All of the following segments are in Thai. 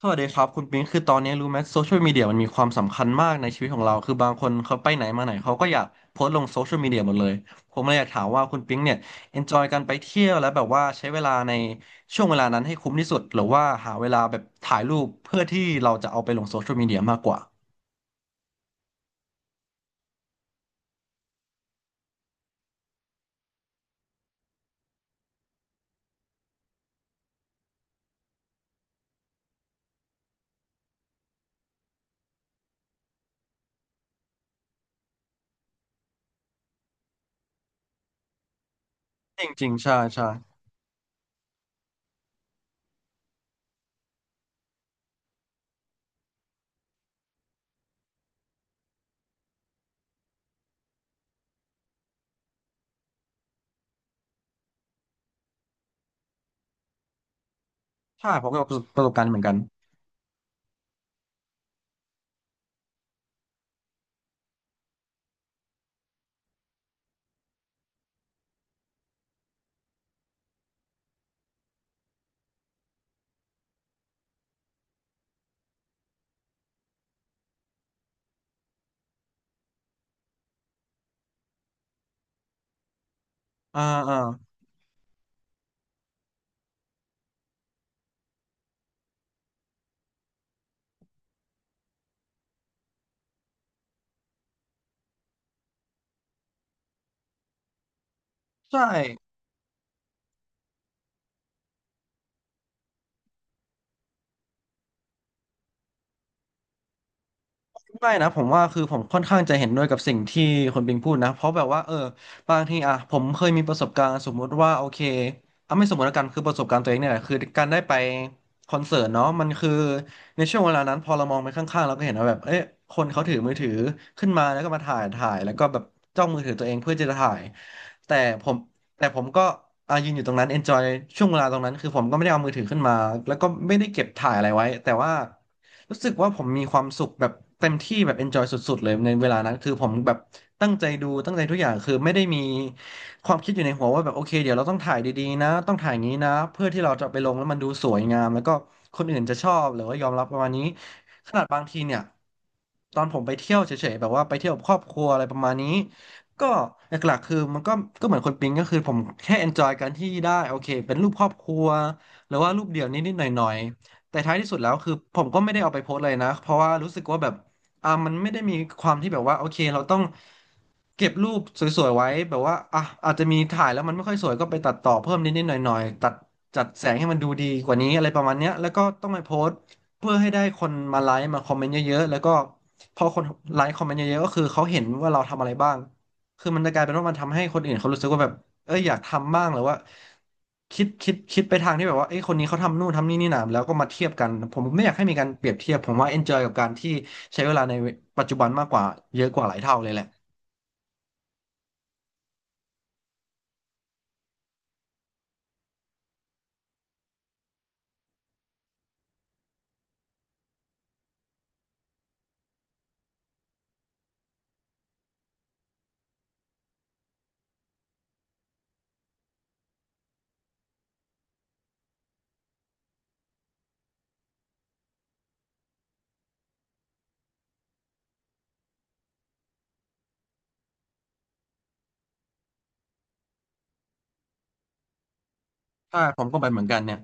สวัสดีครับคุณปิงคือตอนนี้รู้ไหมโซเชียลมีเดียมันมีความสำคัญมากในชีวิตของเราคือบางคนเขาไปไหนมาไหนเขาก็อยากโพสต์ลงโซเชียลมีเดียหมดเลยผมเลยอยากถามว่าคุณปิงเนี่ยเอนจอยการไปเที่ยวและแบบว่าใช้เวลาในช่วงเวลานั้นให้คุ้มที่สุดหรือว่าหาเวลาแบบถ่ายรูปเพื่อที่เราจะเอาไปลงโซเชียลมีเดียมากกว่าจริงๆใช่ใช่ใช่ผมก็ประสบการณ์เหมือนกันอ่าอ่าใช่ ไม่นะผมว่าคือผมค่อนข้างจะเห็นด้วยกับสิ่งที่คนปิงพูดนะเพราะแบบว่าบางทีอ่ะผมเคยมีประสบการณ์สมมุติว่าโอเคเอาไม่สมมติแล้วกันคือประสบการณ์ตัวเองเนี่ยแหละคือการได้ไปคอนเสิร์ตเนาะมันคือในช่วงเวลานั้นพอเรามองไปข้างๆเราก็เห็นว่าแบบเอ๊ะคนเขาถือมือถือขึ้นมาแล้วก็มาถ่ายแล้วก็แบบจ้องมือถือตัวเองเพื่อจะถ่ายแต่ผมแต่ผมก็อ่ะยืนอยู่ตรงนั้น enjoy ช่วงเวลาตรงนั้นคือผมก็ไม่ได้เอามือถือขึ้นมาแล้วก็ไม่ได้เก็บถ่ายอะไรไว้แต่ว่า รู้สึกว่าผมมีความสุขแบบเต็มที่แบบ Enjoy สุดๆเลยในเวลานั้นคือผมแบบตั้งใจดูตั้งใจทุกอย่างคือไม่ได้มีความคิดอยู่ในหัวว่าแบบโอเคเดี๋ยวเราต้องถ่ายดีๆนะต้องถ่ายอย่างนี้นะเพื่อที่เราจะไปลงแล้วมันดูสวยงามแล้วก็คนอื่นจะชอบหรือว่ายอมรับประมาณนี้ขนาดบางทีเนี่ยตอนผมไปเที่ยวเฉยๆแบบว่าไปเที่ยวกับครอบครัวอะไรประมาณนี้ก็หลักๆคือมันก็เหมือนคนปิ๊งก็คือผมแค่ enjoy การที่ได้โอเคเป็นรูปครอบครัวหรือว่ารูปเดี่ยวนิดๆหน่อย แต่ท้ายที่สุดแล้วคือผมก็ไม่ได้เอาไปโพสต์เลยนะเพราะว่ารู้สึกว่าแบบมันไม่ได้มีความที่แบบว่าโอเคเราต้องเก็บรูปสวยๆไว้แบบว่าอ่ะอาจจะมีถ่ายแล้วมันไม่ค่อยสวยก็ไปตัดต่อเพิ่มนิดๆหน่อยๆตัดจัดแสงให้มันดูดีกว่านี้อะไรประมาณเนี้ยแล้วก็ต้องไปโพสต์เพื่อให้ได้คนมาไลค์มาคอมเมนต์เยอะๆแล้วก็พอคนไลค์คอมเมนต์เยอะๆก็คือเขาเห็นว่าเราทำอะไรบ้างคือมันจะกลายเป็นว่ามันทำให้คนอื่นเขารู้สึกว่าแบบ เอ้ยอยากทำบ้างหรือว่าคิดไปทางที่แบบว่าเอ้ยคนนี้เขาทำนู่นทำนี่นี่นะแล้วก็มาเทียบกันผมไม่อยากให้มีการเปรียบเทียบผมว่า enjoy กับการที่ใช้เวลาในปัจจุบันมากกว่าเยอะกว่าหลายเท่าเลยแหละถ้าผมก็ไปเหมือนกันเนี่ย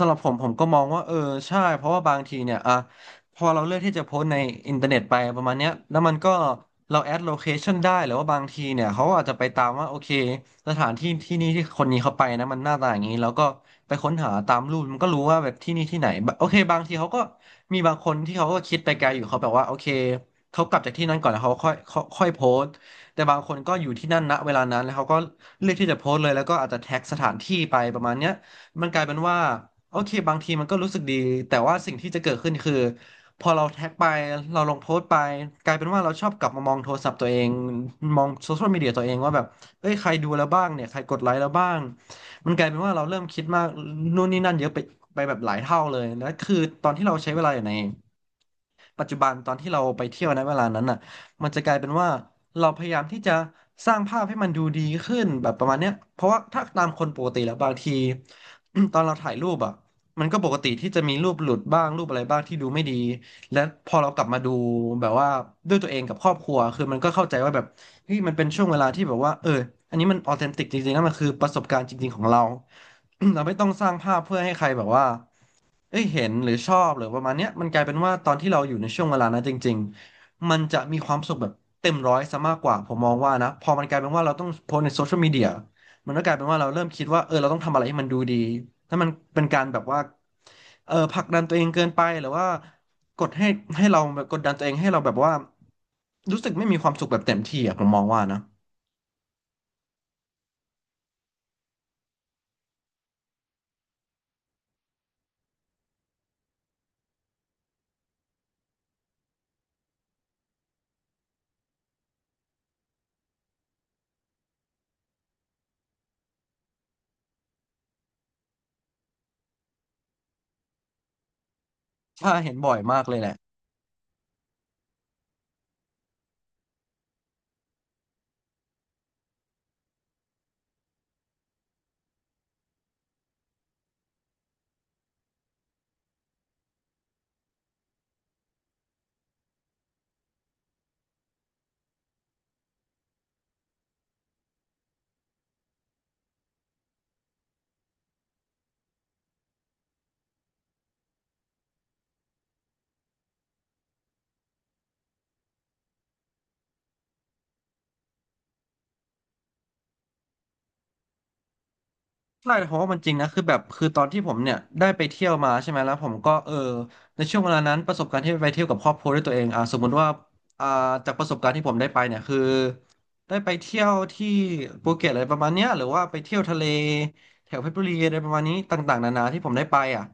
สำหรับผมผมก็มองว่าใช่เพราะว่าบางทีเนี่ยอ่ะพอเราเลือกที่จะโพสต์ในอินเทอร์เน็ตไปประมาณเนี้ยแล้วมันก็เราแอดโลเคชันได้หรือว่าบางทีเนี่ยเขาอาจจะไปตามว่าโอเคสถานที่ที่นี่ที่คนนี้เขาไปนะมันหน้าตาอย่างนี้แล้วก็ไปค้นหาตามรูปมันก็รู้ว่าแบบที่นี่ที่ไหนบะโอเคบางทีเขาก็มีบางคนที่เขาก็คิดไปไกลอยู่เขาแบบว่าโอเคเขากลับจากที่นั่นก่อนแล้วเขาค่อยค่อยค่อยโพสต์แต่บางคนก็อยู่ที่นั่นณเวลานั้นแล้วเขาก็เลือกที่จะโพสต์เลยแล้วก็อาจจะแท็กสถานที่ไปประมาณเนี้ย มันกลายเป็นว่าโอเคบางทีมันก็รู้สึกดีแต่ว่าสิ่งที่จะเกิดขึ้นคือพอเราแท็กไปเราลงโพสต์ไปกลายเป็นว่าเราชอบกลับมามองโทรศัพท์ตัวเองมองโซเชียลมีเดียตัวเองว่าแบบเอ้ยใครดูแล้วบ้างเนี่ยใครกดไลค์แล้วบ้างมันกลายเป็นว่าเราเริ่มคิดมากนู่นนี่นั่นเยอะไปไปแบบหลายเท่าเลยแล้วคือตอนที่เราใช้เวลาอยู่ใน ปัจจุบันตอนที่เราไปเที่ยวในเวลานั้นน่ะมันจะกลายเป็นว่าเราพยายามที่จะสร้างภาพให้มันดูดีขึ้นแบบประมาณเนี้ยเพราะว่าถ้าตามคนปกติแล้วบางที ตอนเราถ่ายรูปอ่ะมันก็ปกติที่จะมีรูปหลุดบ้างรูปอะไรบ้างที่ดูไม่ดีและพอเรากลับมาดูแบบว่าด้วยตัวเองกับครอบครัวคือมันก็เข้าใจว่าแบบเฮ้ยมันเป็นช่วงเวลาที่แบบว่าเอออันนี้มันออเทนติกจริงๆนะมันคือประสบการณ์จริงๆของเรา เราไม่ต้องสร้างภาพเพื่อให้ใครแบบว่า เอ้ยเห็นหรือชอบหรือประมาณเนี้ยมันกลายเป็นว่าตอนที่เราอยู่ในช่วงเวลานั้นจริงๆมันจะมีความสุขแบบเต็มร้อยซะมากกว่าผมมองว่านะพอมันกลายเป็นว่าเราต้องโพสต์ในโซเชียลมีเดียมันก็กลายเป็นว่าเราเริ่มคิดว่าเออเราต้องทำอะไรให้มันดูดีถ้ามันเป็นการแบบว่าเออผลักดันตัวเองเกินไปหรือว่ากดให้เราแบบกดดันตัวเองให้เราแบบว่ารู้สึกไม่มีความสุขแบบเต็มที่อะผมมองว่านะถ้าเห็นบ่อยมากเลยแหละ ใช่เพราะว่ามันจริงนะคือแบบคือตอนที่ผมเนี่ยได้ไปเที่ยวมาใช่ไหมแล้วผมก็เออในช่วงเวลานั้นประสบการณ์ที่ไปเที่ยวกับครอบครัวด้วยตัวเองอ่าสมมุติว่าอ่าจากประสบการณ์ที่ผมได้ไปเนี่ยคือได้ไปเที่ยวที่ภูเก็ตอะไรประมาณเนี้ยหรือว่าไปเที่ยวทะเลแถวเพชรบุรีอะไรประมาณนี้ต่างๆนานาที่ผมได้ไปอ่ะ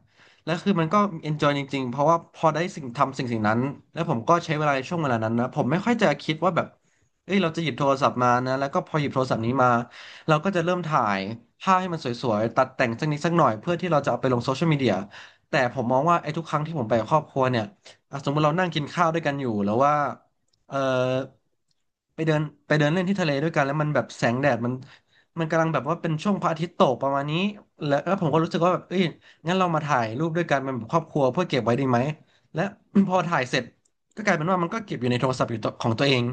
และคือมันก็ enjoy จริงๆเพราะว่าพอได้สิ่งทำสิ่งนั้นแล้วผมก็ใช้เวลาในช่วงเวลานั้นนะผมไม่ค่อยจะคิดว่าแบบเอ้ยเราจะหยิบโทรศัพท์มานะแล้วก็พอหยิบโทรศัพท์นี้มา เราก็จะเริ่มถ่ายภาพให้มันสวยๆตัดแต่งสักนิดสักหน่อยเพื่อที่เราจะเอาไปลงโซเชียลมีเดียแต่ผมมองว่าไอ้ทุกครั้งที่ผมไปกับครอบครัวเนี่ยอ่ะสมมติเรานั่งกินข้าวด้วยกันอยู่แล้วว่าเออไปเดินไปเดินเล่นที่ทะเลด้วยกันแล้วมันแบบแสงแดดมันกำลังแบบว่าเป็นช่วงพระอาทิตย์ตกประมาณนี้แล้วผมก็รู้สึกว่าแบบเอ้ยงั้นเรามาถ่ายรูปด้วยกันเป็นแบบครอบครัวเพื่อเก็บไว้ดีไหมและ พอถ่ายเสร็จก็กลายเป็นว่ามันก็เก็บอยู่ในโทรศัพท์อยู่ตัวของตัวเอง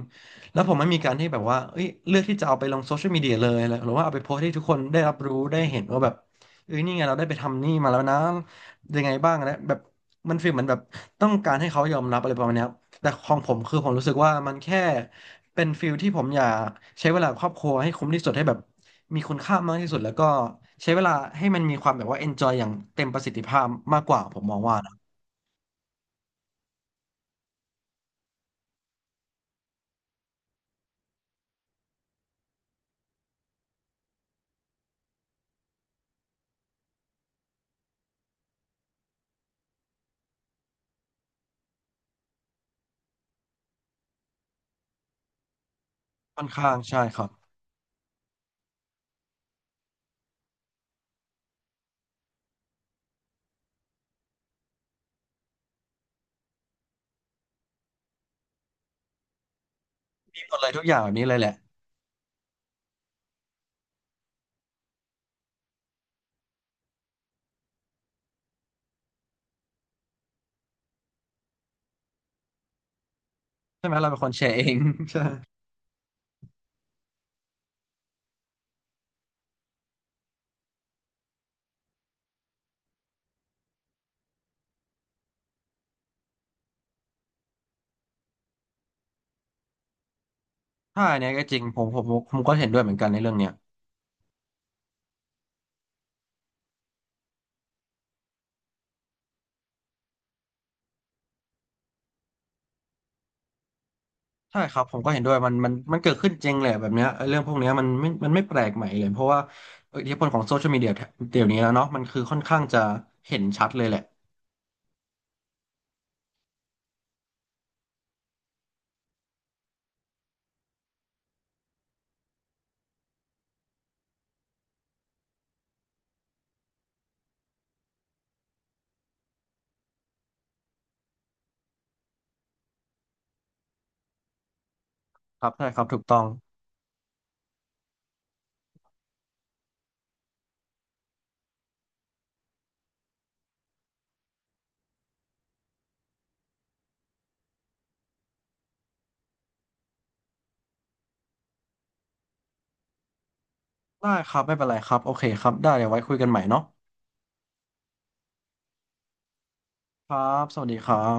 แล้วผมไม่มีการที่แบบว่าเอ้ยเลือกที่จะเอาไปลงโซเชียลมีเดียเลยอะไรหรือว่าเอาไปโพสต์ให้ทุกคนได้รับรู้ได้เห็นว่าแบบเอ้ยนี่ไงเราได้ไปทำนี่มาแล้วนะยังไงบ้างนะแบบมันฟีลเหมือนแบบต้องการให้เขายอมรับอะไรประมาณเนี้ยครับแต่ของผมคือผมรู้สึกว่ามันแค่เป็นฟีลที่ผมอยากใช้เวลากับครอบครัวให้คุ้มที่สุดให้แบบมีคุณค่ามากที่สุดแล้วก็ใช้เวลาให้มันมีความแบบว่า enjoy อย่างเต็มประสิทธิภาพมากกว่าผมมองว่านะค่อนข้างใช่ครับมีหมดเลยทุกอย่างแบบนี้เลยแหละใช่ไหมเราเป็นคนแชร์เอง ใช่ ถ้าอันเนี้ยก็จริงผมก็เห็นด้วยเหมือนกันในเรื่องเนี้ยใช่ครับผมก็เห็นด้วยมันเกิดขึ้นจริงแหละแบบเนี้ยไอ้เรื่องพวกเนี้ยมันไม่แปลกใหม่เลยเพราะว่าอิทธิพลของโซเชียลมีเดียเดี๋ยวนี้แล้วเนาะมันคือค่อนข้างจะเห็นชัดเลยแหละครับใช่ครับถูกต้องได้ครับไม่เป็นไรครับโอเคครับได้เดี๋ยวไว้คุยกันใหม่เนาะครับสวัสดีครับ